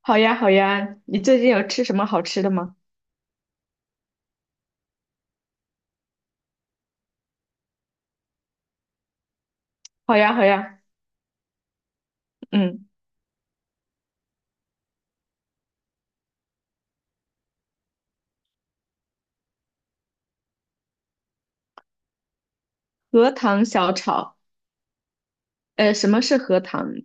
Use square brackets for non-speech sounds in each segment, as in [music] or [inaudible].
好呀，好呀，你最近有吃什么好吃的吗？好呀，好呀，嗯，荷塘小炒。什么是荷塘呢？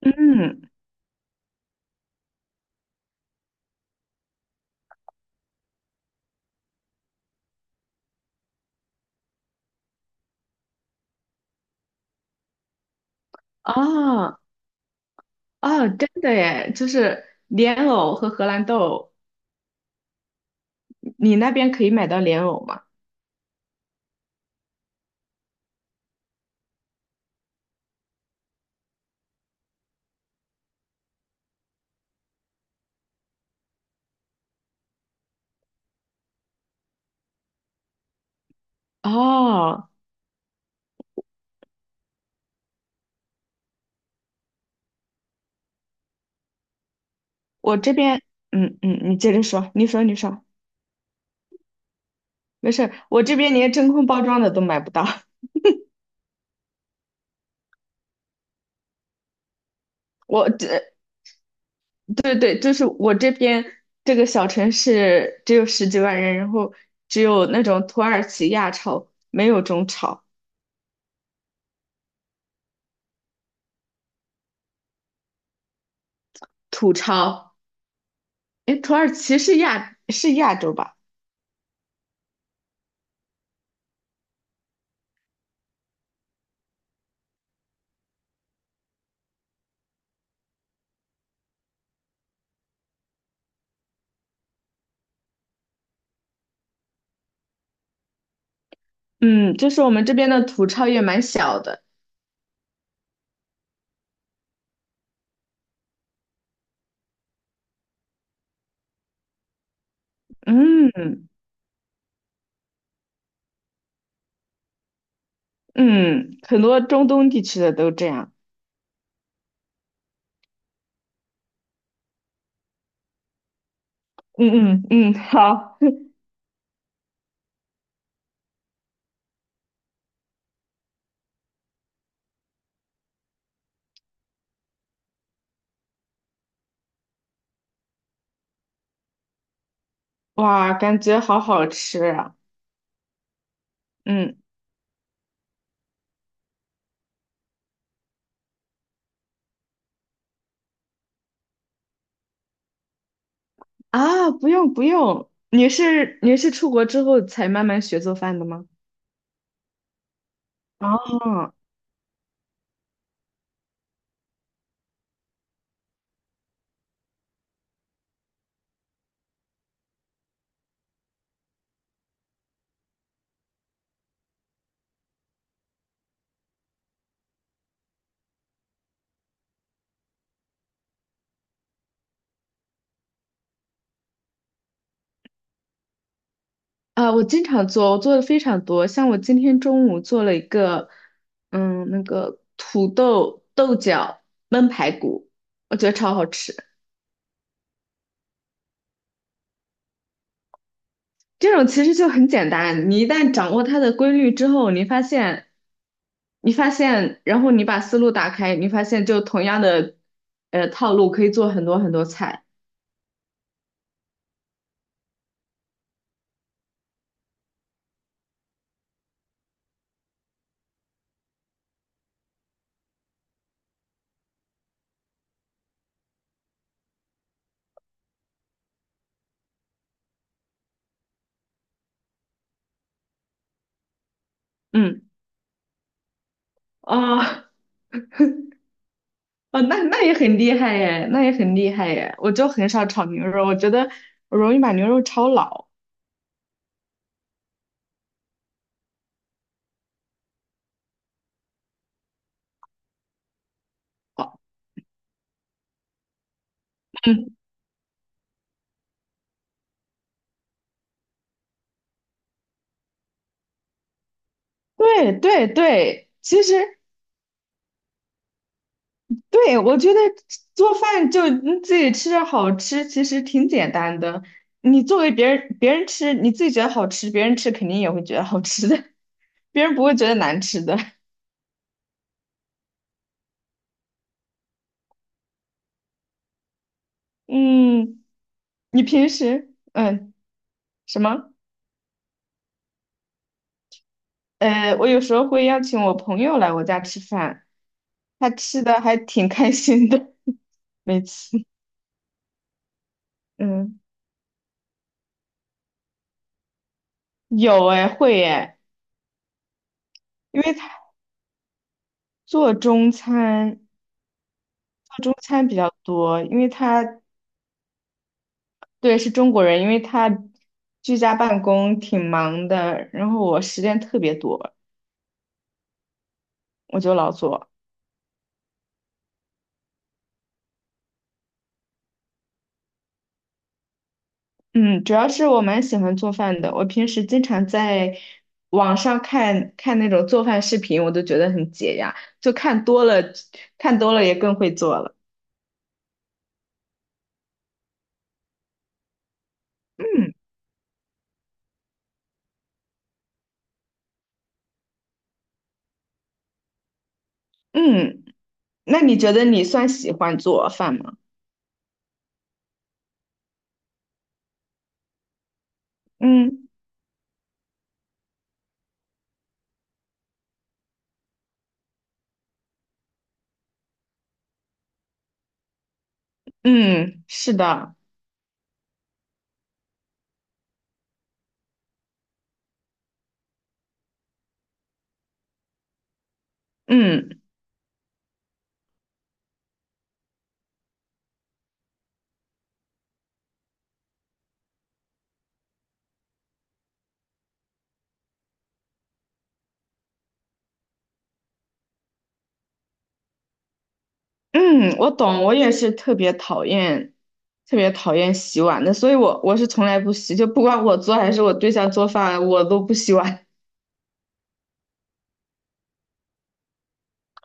嗯。哦。哦，真的耶，就是莲藕和荷兰豆。你那边可以买到莲藕吗？哦，我这边，嗯嗯，你接着说，你说，没事儿，我这边连真空包装的都买不到。[laughs] 我这对对，就是我这边这个小城市只有十几万人，然后只有那种土耳其亚超，没有中超、土超。诶，土耳其是亚洲吧？嗯，就是我们这边的土超也蛮小的。嗯嗯，很多中东地区的都这样。嗯嗯嗯，好。哇，感觉好好吃啊！嗯。啊，不用不用，你是出国之后才慢慢学做饭的吗？哦。啊，我经常做，我做的非常多。像我今天中午做了一个，嗯，那个土豆豆角焖排骨，我觉得超好吃。这种其实就很简单，你一旦掌握它的规律之后，你发现，你发现，然后你把思路打开，你发现就同样的，呃，套路可以做很多很多菜。嗯。哦。哦，那那也很厉害耶，那也很厉害耶。我就很少炒牛肉，我觉得我容易把牛肉炒老。哦。对对对，其实对我觉得做饭就你自己吃着好吃，其实挺简单的。你作为别人吃，你自己觉得好吃，别人吃肯定也会觉得好吃的，[laughs] 别人不会觉得难吃的。[laughs] 嗯，你平时嗯什么？呃，我有时候会邀请我朋友来我家吃饭，他吃的还挺开心的，[laughs] 每次。嗯，有哎，会哎，因为他做中餐。中餐比较多，因为他对是中国人，因为他居家办公挺忙的，然后我时间特别多，我就老做。嗯，主要是我蛮喜欢做饭的，我平时经常在网上看看那种做饭视频，我都觉得很解压，就看多了，看多了也更会做了。嗯嗯，那你觉得你算喜欢做饭吗？嗯嗯，是的，嗯。嗯，我懂，我也是特别讨厌，特别讨厌洗碗的，所以我是从来不洗，就不管我做还是我对象做饭，我都不洗碗。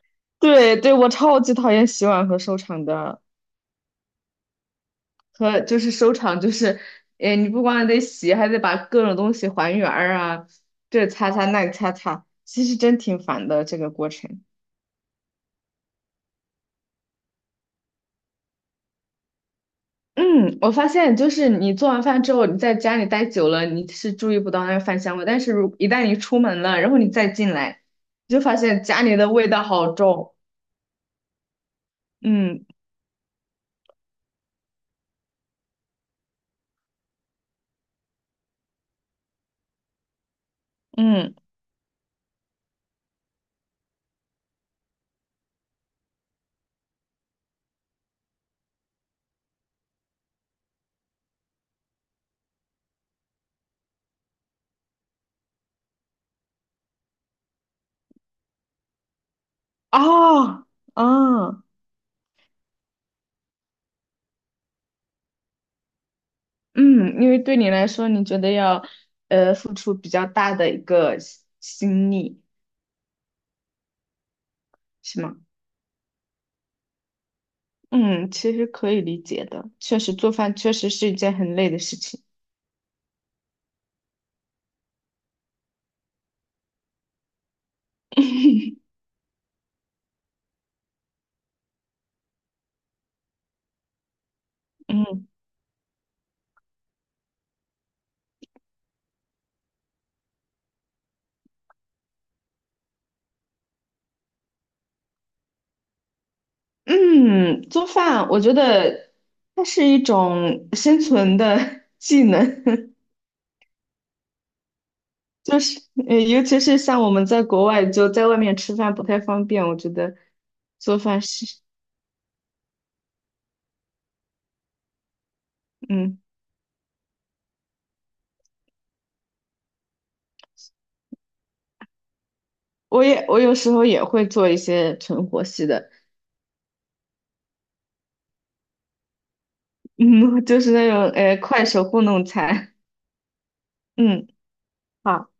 [laughs] 对对，我超级讨厌洗碗和收场的，和就是收场就是，哎，你不光得洗，还得把各种东西还原儿啊，这擦擦那擦擦，其实真挺烦的这个过程。嗯，我发现就是你做完饭之后，你在家里待久了，你是注意不到那个饭香味，但是如一旦你出门了，然后你再进来，你就发现家里的味道好重。嗯嗯，啊啊嗯，因为对你来说，你觉得要呃付出比较大的一个心力，是吗？嗯，其实可以理解的，确实做饭确实是一件很累的事情。[laughs] 嗯。嗯，做饭我觉得它是一种生存的 [laughs] 技能，[laughs] 就是呃，尤其是像我们在国外就在外面吃饭不太方便，我觉得做饭是，嗯，我也我有时候也会做一些存活系的，[laughs] 嗯，就是那种呃快手糊弄菜，[laughs] 嗯，好，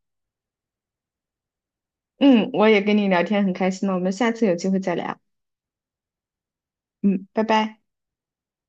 嗯，我也跟你聊天很开心呢，我们下次有机会再聊，嗯，拜拜。